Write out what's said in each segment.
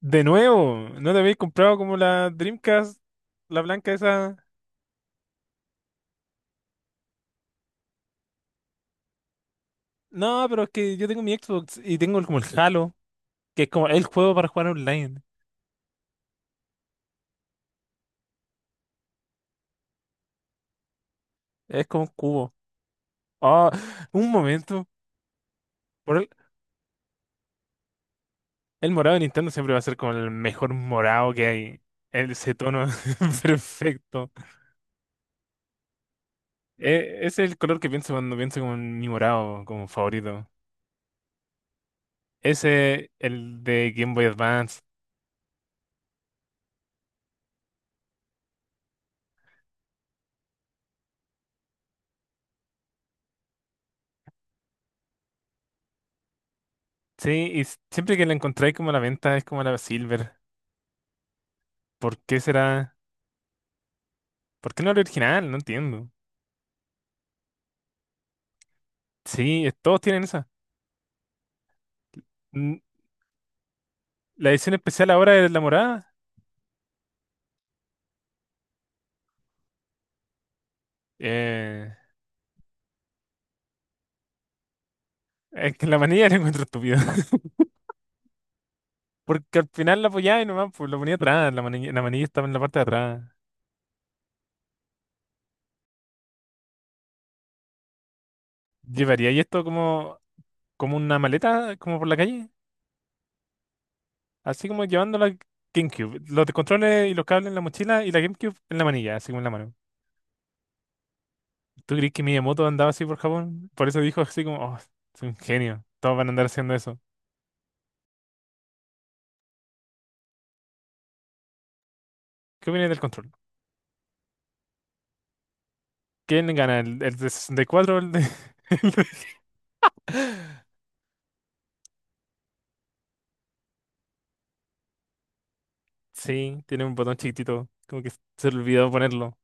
De nuevo, ¿no te habéis comprado como la Dreamcast, la blanca esa? No, pero es que yo tengo mi Xbox y tengo como el Halo, que es como el juego para jugar online. Es como un cubo. Ah, un momento. Por el morado de Nintendo siempre va a ser como el mejor morado que hay. Ese tono perfecto. Ese es el color que pienso cuando pienso como en mi morado como favorito. Ese, el de Game Boy Advance. Sí, y siempre que la encontráis como a la venta es como la Silver. ¿Por qué será? ¿Por qué no el original? No entiendo. Sí, todos tienen esa. N- La edición especial ahora es la morada. Eh, es que la manilla la encuentro estúpida. Porque al final la apoyaba y nomás pues, lo ponía atrás. La manilla estaba en la parte de atrás. ¿Llevaría y esto como, como una maleta, como por la calle? Así como llevando la GameCube. Los controles y los cables en la mochila y la GameCube en la manilla, así como en la mano. ¿Tú crees que Miyamoto andaba así por Japón? Por eso dijo así como, oh, soy un genio. Todos van a andar haciendo eso. ¿Qué opinas del control? ¿Quién gana? El de 64? ¿O el de- Sí, tiene un botón chiquitito? Como que se olvidó ponerlo.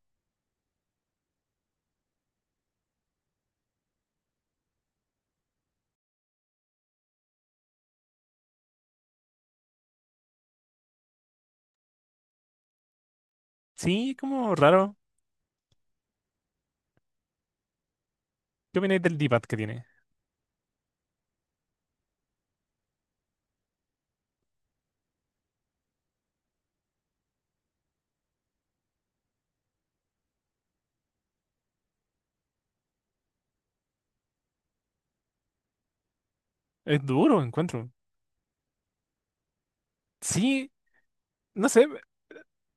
Sí, es como raro. ¿Qué opináis del D-pad que tiene? Es duro, encuentro. Sí, no sé,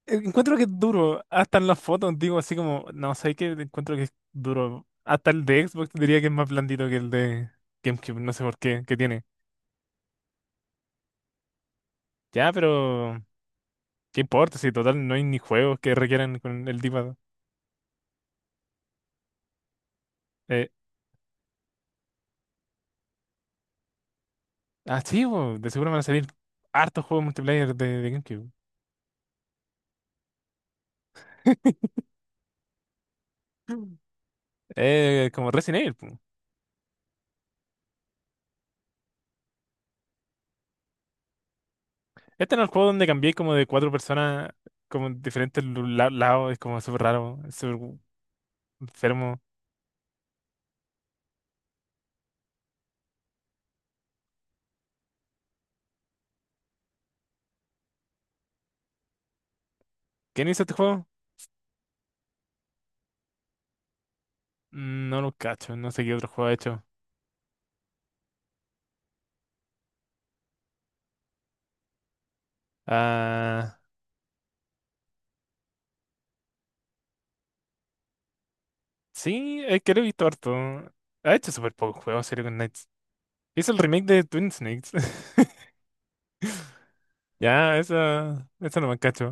encuentro que es duro. Hasta en las fotos digo así como, no sé qué, encuentro que es duro. Hasta el de Xbox diría que es más blandito que el de GameCube, no sé por qué, que tiene. Ya, pero ¿qué importa? Si total no hay ni juegos que requieran con el D-pad. Eh, Ah, sí, bo, de seguro van a salir hartos juegos multiplayer de GameCube. Como Resident Evil. Po. Este no es el juego donde cambié como de cuatro personas, como en diferentes lados? Es como súper raro, es súper enfermo. ¿Quién hizo este juego? Mm, no lo cacho, no sé qué otro juego ha hecho. Ah, sí, es que lo he visto harto. Ha hecho súper pocos juegos, serio, con Knights. Hizo el remake de Twin Snakes. Ya, eso no me cacho.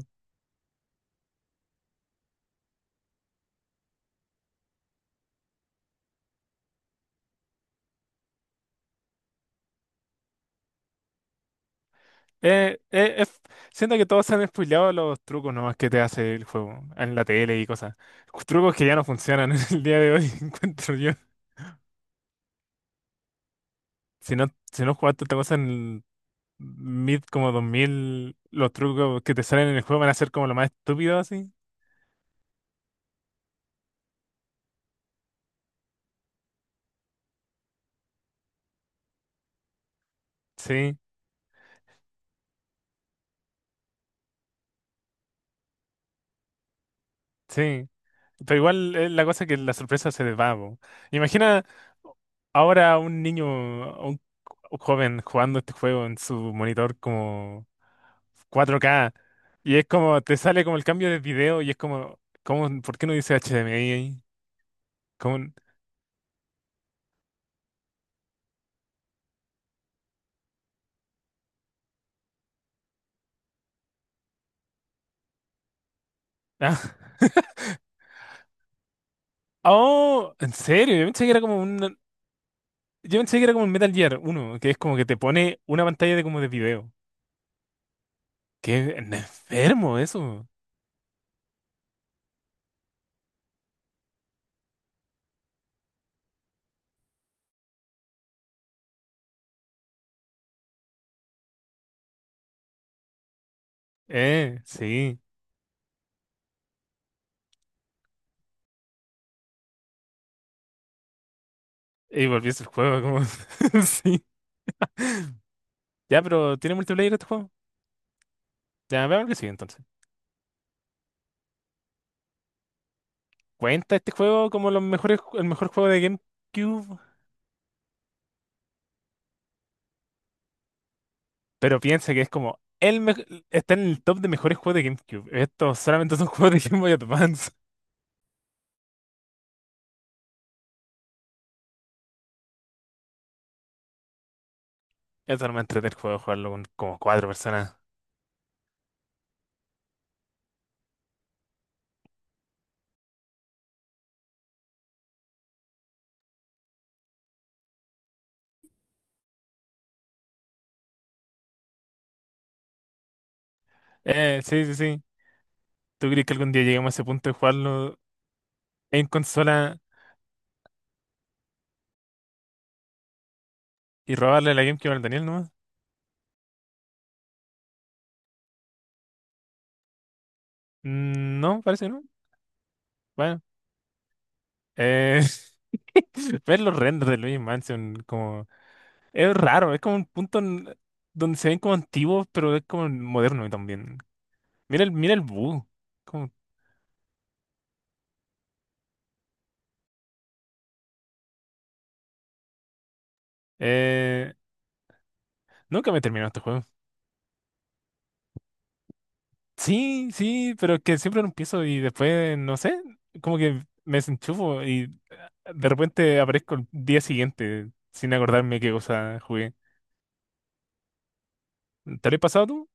Eh, eh, es- Siento que todos se han spoileado los trucos nomás que te hace el juego en la tele y cosas. Trucos que ya no funcionan en el día de hoy, encuentro yo. Si no, si no jugaste esta cosa en mid como 2000, los trucos que te salen en el juego van a ser como lo más estúpido así. Sí, sí. Pero igual es la cosa que la sorpresa se desvaba. Po. Imagina ahora a un niño, a un joven jugando este juego en su monitor como 4K. Y es como, te sale como el cambio de video y es como, ¿cómo, por qué no dice HDMI ahí? ¿Cómo? Ah. Oh, en serio, yo pensé que era como el Metal Gear uno, que es como que te pone una pantalla de como de video. Qué enfermo eso. Sí. Y volví a el juego como, sí. Ya, pero ¿tiene multiplayer este juego? Ya, veamos que sí entonces. ¿Cuenta este juego como los mejores, el mejor juego de GameCube? Pero piensa que es como el está en el top de mejores juegos de GameCube. Estos solamente son juegos de Game Boy Advance. Eso no me entretiene el juego, jugarlo con como cuatro personas. Sí, sí, sí. ¿Tú crees que algún día lleguemos a ese punto de jugarlo en consola y robarle la GameCube al Daniel nomás? Mm, no, parece que no. Bueno. Eh, Ver los renders de Luigi Mansion como... Es raro, es como un punto donde se ven como antiguos, pero es como moderno también. Mira el bug. Como, eh, nunca me terminó este juego. Sí, sí, pero que siempre lo empiezo y después, no sé, como que me desenchufo y de repente aparezco el día siguiente sin acordarme qué cosa jugué. ¿Te lo has pasado tú?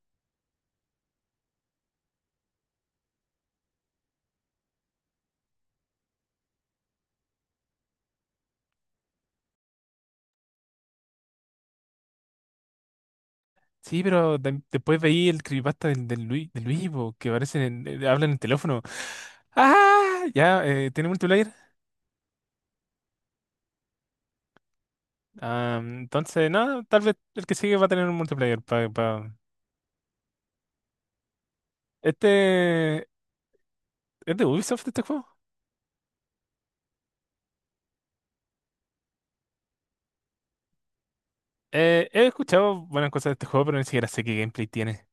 Sí, pero después veí el creepypasta del Luis, de Luis, po, que aparece, en, habla en el teléfono. ¡Ah! Ya, ¿tiene multiplayer? Ah, entonces, no, tal vez el que sigue va a tener un multiplayer. Pa, pa- Este, ¿es de Ubisoft este juego? He escuchado buenas cosas de este juego, pero ni siquiera sé qué gameplay tiene.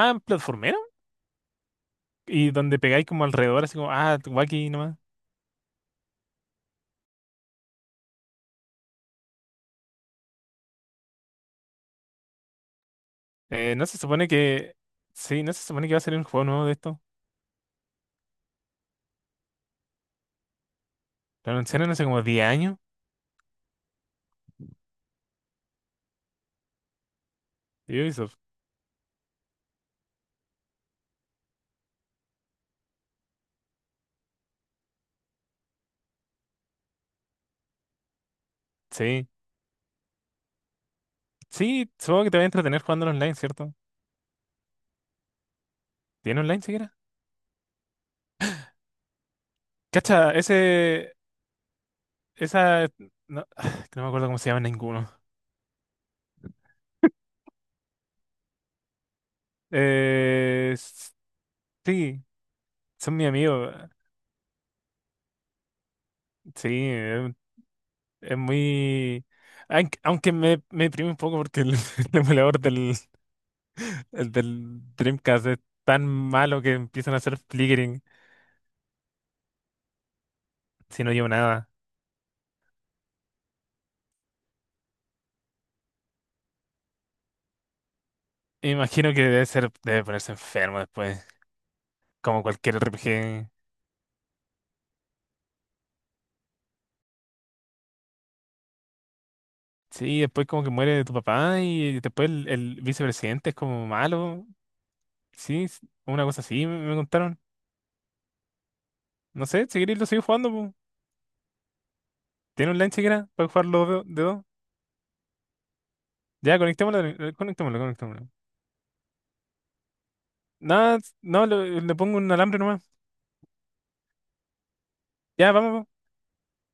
Ah, en platformero. Y donde pegáis como alrededor, así como, ah, tu aquí nomás. No se supone que. Sí, no se supone que va a salir un juego nuevo de esto. Lo anunciaron hace como 10 años. De Ubisoft. Sí. Sí, supongo que te va a entretener jugando online, ¿cierto? ¿Tiene online siquiera? Cacha, ese. Esa. No, que no me acuerdo cómo se llama ninguno. Eh, s- sí, son mi amigo. Sí, es, es muy. Aunque me, me deprime un poco porque el emulador del, el del Dreamcast es tan malo que empiezan a hacer flickering si no llevo nada. Imagino que debe ser, debe ponerse enfermo después, como cualquier RPG. Sí, después como que muere tu papá y después el vicepresidente es como malo. Sí, es una cosa así me, me contaron. No sé, si queréis lo sigo jugando, po. Tiene online siquiera para jugarlo de dos. Ya, conectémoslo, conectémoslo. Nada, no, le pongo un alambre nomás. Ya, vamos.